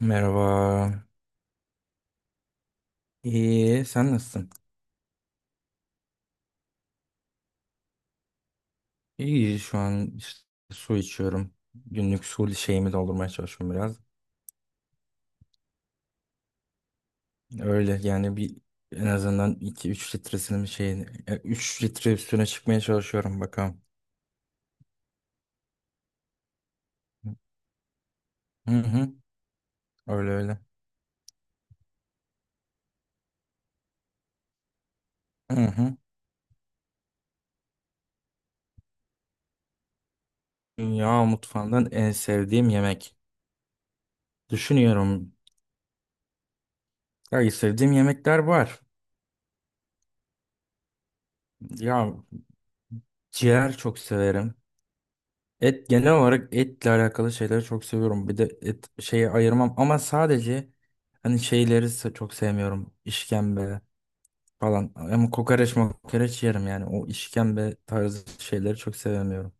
Merhaba. İyi, sen nasılsın? İyi, şu an işte su içiyorum. Günlük su şeyimi doldurmaya çalışıyorum biraz. Öyle yani bir en azından 2-3 litresinin şeyini 3 litre üstüne çıkmaya çalışıyorum bakalım. Hı hı, öyle öyle. Hı hı. Dünya mutfağından en sevdiğim yemek. Düşünüyorum. Ya sevdiğim yemekler var. Ya ciğer çok severim. Et genel olarak etle alakalı şeyleri çok seviyorum. Bir de et şeyi ayırmam ama sadece hani şeyleri çok sevmiyorum. İşkembe falan. Ama kokoreç mokoreç yerim yani. O işkembe tarzı şeyleri çok sevmiyorum.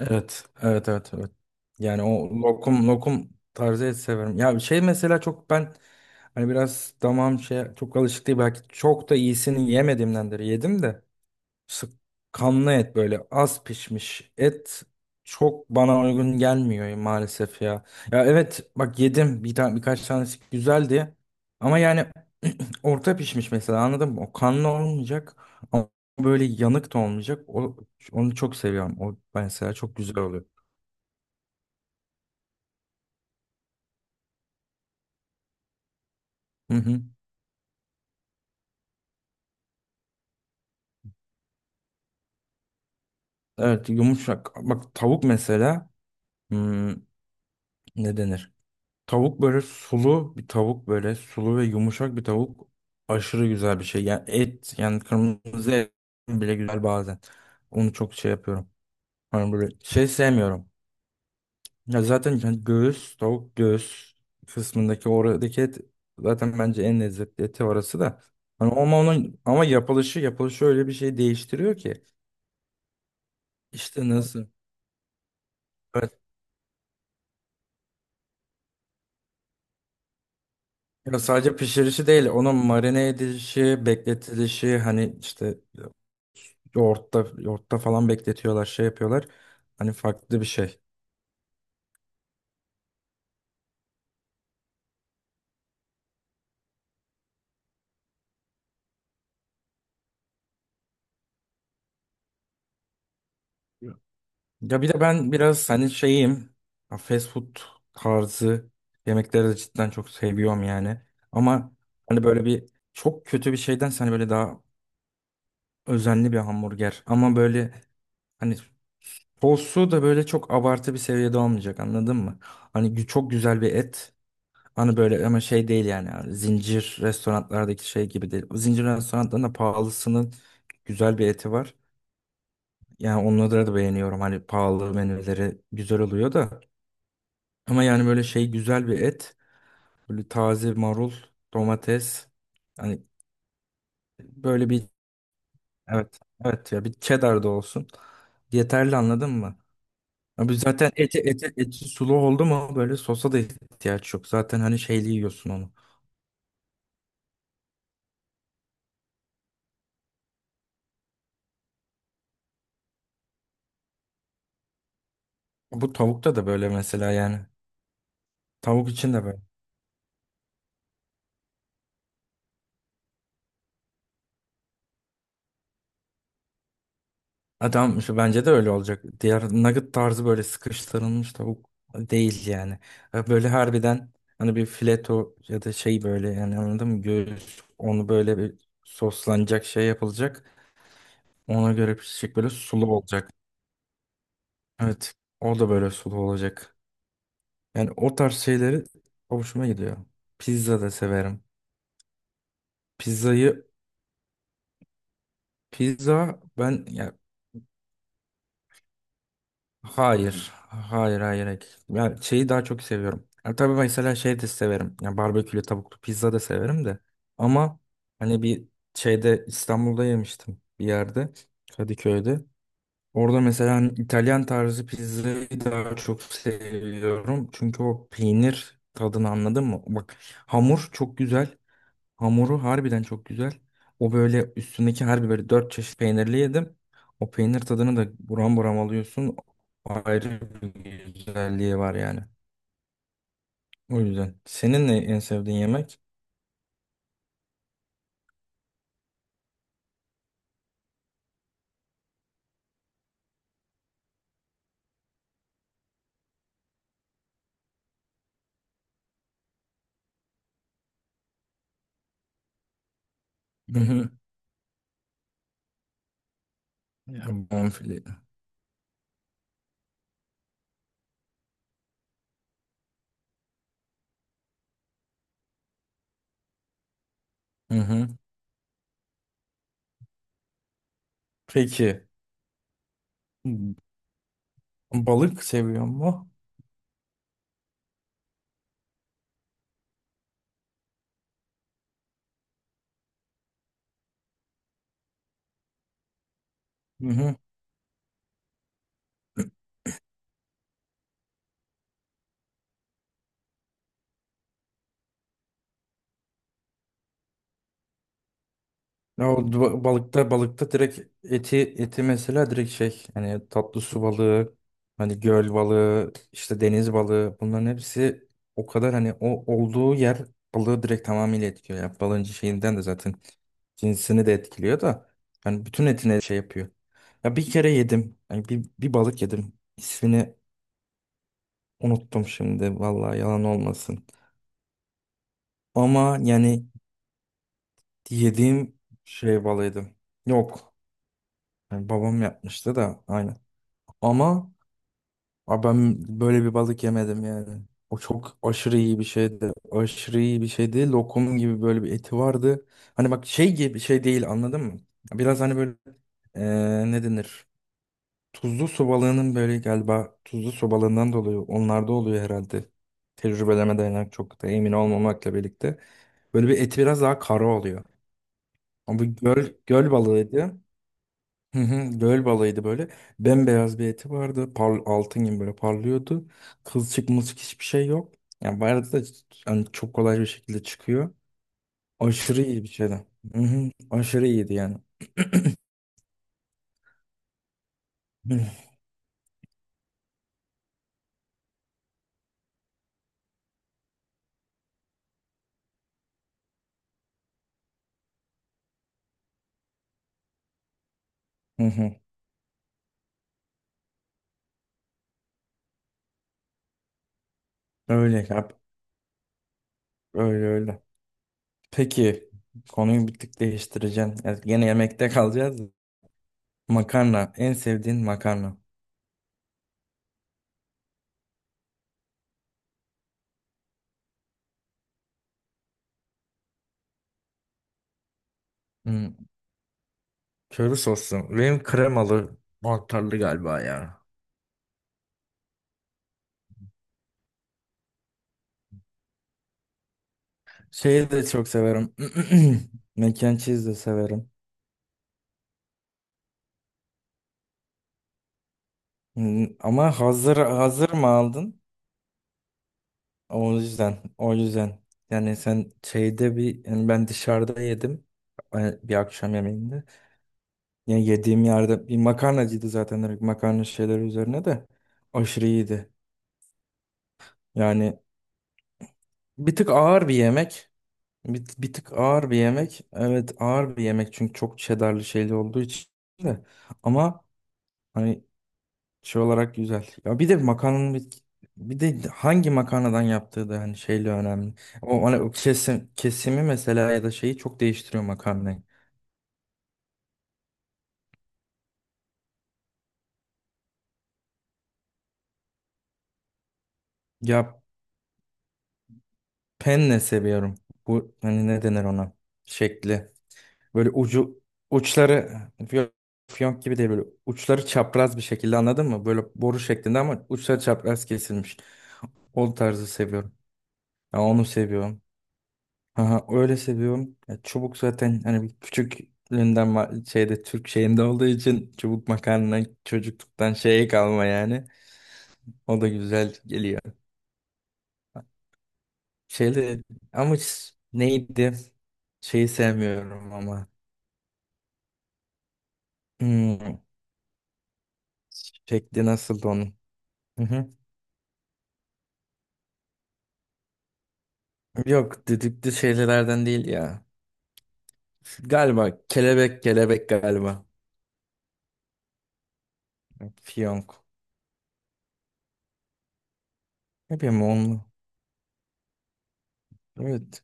Evet, evet, evet, evet. Yani o lokum lokum tarzı et severim. Ya bir şey mesela çok ben hani biraz damağım şey çok alışık değil, belki çok da iyisini yemediğimdendir. Yedim de. Sık kanlı et, böyle az pişmiş et çok bana uygun gelmiyor maalesef ya. Ya evet bak, yedim bir tane, birkaç tanesi güzeldi ama yani orta pişmiş mesela, anladın mı? O kanlı olmayacak ama böyle yanık da olmayacak. Onu çok seviyorum. O mesela çok güzel oluyor. Hı hı. Evet, yumuşak. Bak, tavuk mesela hmm, ne denir? Tavuk böyle sulu bir tavuk, böyle sulu ve yumuşak bir tavuk aşırı güzel bir şey. Yani et, yani kırmızı et bile güzel bazen. Onu çok şey yapıyorum. Hani böyle şey sevmiyorum. Ya zaten yani göğüs, tavuk göğüs kısmındaki oradaki et zaten bence en lezzetli eti orası da. Hani ama onun ama yapılışı öyle bir şey değiştiriyor ki. İşte nasıl? Evet. Ya sadece pişirişi değil, onun marine edilişi, bekletilişi, hani işte yoğurtta falan bekletiyorlar, şey yapıyorlar. Hani farklı bir şey. Ya bir de ben biraz hani şeyim, ya fast food tarzı yemekleri de cidden çok seviyorum yani. Ama hani böyle bir çok kötü bir şeyden hani böyle daha özenli bir hamburger. Ama böyle, hani postu da böyle çok abartı bir seviyede olmayacak, anladın mı? Hani çok güzel bir et. Hani böyle ama şey değil yani. Hani zincir restoranlardaki şey gibi değil. O zincir restoranlarında pahalısının güzel bir eti var. Yani onları da beğeniyorum. Hani pahalı menüleri güzel oluyor da. Ama yani böyle şey, güzel bir et. Böyle taze marul, domates. Hani böyle bir, evet. Evet ya, bir cheddar da olsun. Yeterli, anladın mı? Abi zaten eti sulu oldu mu böyle sosa da ihtiyaç yok. Zaten hani şeyli yiyorsun onu. Bu tavukta da böyle mesela yani. Tavuk için de böyle. Adam şu bence de öyle olacak. Diğer nugget tarzı böyle sıkıştırılmış tavuk değil yani. Böyle harbiden hani bir fileto ya da şey, böyle yani anladın mı? Göğüs, onu böyle bir soslanacak, şey yapılacak. Ona göre pişecek, böyle sulu olacak. Evet. O da böyle sulu olacak. Yani o tarz şeyleri hoşuma gidiyor. Pizza da severim. Pizzayı, pizza ben ya hayır. Hayır, hayır, hayır. Ben şeyi daha çok seviyorum. Ya tabii mesela şey de severim. Ya barbekülü tavuklu pizza da severim de. Ama hani bir şeyde İstanbul'da yemiştim, bir yerde Kadıköy'de. Orada mesela hani İtalyan tarzı pizzayı daha çok seviyorum. Çünkü o peynir tadını, anladın mı? Bak, hamur çok güzel. Hamuru harbiden çok güzel. O böyle üstündeki, harbi böyle dört çeşit peynirli yedim. O peynir tadını da buram buram alıyorsun. Ayrı bir güzelliği var yani. O yüzden. Senin ne en sevdiğin yemek? Hı hı. Yani bonfile. Hı hı. Peki. Balık seviyor mu? Ya o balıkta direkt eti mesela, direkt şey hani tatlı su balığı, hani göl balığı, işte deniz balığı, bunların hepsi o kadar hani o olduğu yer balığı direkt tamamıyla etkiliyor. Yani balığın şeyinden de zaten cinsini de etkiliyor da yani bütün etine şey yapıyor. Ya bir kere yedim. Yani bir balık yedim. İsmini unuttum şimdi, vallahi yalan olmasın. Ama yani yediğim şey balıydı. Yok. Yani babam yapmıştı da aynı. Ama ben böyle bir balık yemedim yani. O çok aşırı iyi bir şeydi. Aşırı iyi bir şeydi. Lokum gibi böyle bir eti vardı. Hani bak şey gibi şey değil, anladın mı? Biraz hani böyle ne denir? Tuzlu su balığının böyle galiba, tuzlu su balığından dolayı onlarda oluyor herhalde. Tecrübeleme dayanak çok da emin olmamakla birlikte. Böyle bir eti biraz daha kara oluyor. Ama bu göl balığıydı. Hı hı, göl balığıydı böyle. Bembeyaz bir eti vardı. Par altın gibi böyle parlıyordu. Kılçık mılçık hiçbir şey yok. Yani bu da yani çok kolay bir şekilde çıkıyor. Aşırı iyi bir şeydi. Hı hı, aşırı iyiydi yani. Hı hı, hı. Öyle yap. Öyle öyle. Peki, konuyu bir tık değiştireceğim. Yani gene yemekte kalacağız. Makarna. En sevdiğin makarna. Hı, köri soslu. Benim kremalı mantarlı galiba ya. Şeyi de çok severim. Mac and cheese de severim. Ama hazır hazır mı aldın? O yüzden, o yüzden. Yani sen şeyde bir, yani ben dışarıda yedim, bir akşam yemeğinde. Yani yediğim yerde bir makarnacıydı zaten, direkt makarna şeyleri üzerine de aşırı iyiydi. Yani bir tık ağır bir yemek. Bir tık ağır bir yemek. Evet, ağır bir yemek çünkü çok cheddarlı şeyli olduğu için de. Ama hani şey olarak güzel. Ya bir de makarnanın bir, bir de hangi makarnadan yaptığı da hani şeyle önemli. O, hani o kesim, kesimi mesela ya da şeyi çok değiştiriyor makarnayı. Ya penne seviyorum. Bu hani ne denir ona? Şekli. Böyle ucu, uçları fiyonk, fiyonk gibi değil, böyle uçları çapraz bir şekilde, anladın mı? Böyle boru şeklinde ama uçları çapraz kesilmiş. O tarzı seviyorum. Ya onu seviyorum. Aha, öyle seviyorum. Ya, çubuk zaten hani bir küçüklüğünden şeyde Türk şeyinde olduğu için çubuk makarna çocukluktan şeye kalma yani. O da güzel geliyor. Şeyde ama neydi? Şeyi sevmiyorum ama. Hmm, şekli nasıldı onun? Hı hı. Yok, düdüklü şeylerden değil ya. Galiba kelebek, kelebek galiba. Fiyonk. Ne bileyim onu. Evet.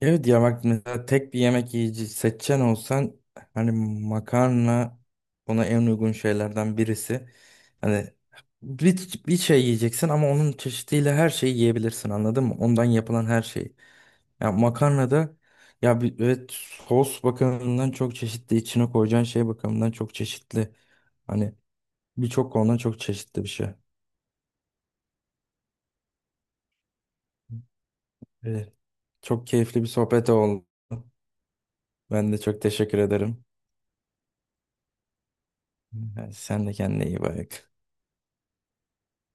Evet ya, bak mesela tek bir yemek yiyici seçen olsan hani makarna ona en uygun şeylerden birisi. Hani bir şey yiyeceksin ama onun çeşidiyle her şeyi yiyebilirsin, anladın mı? Ondan yapılan her şeyi. Ya makarnada ya bir, evet sos bakımından çok çeşitli, içine koyacağın şey bakımından çok çeşitli. Hani birçok konudan çok çeşitli bir şey. Evet. Çok keyifli bir sohbet oldu. Ben de çok teşekkür ederim. Yani sen de kendine iyi bak.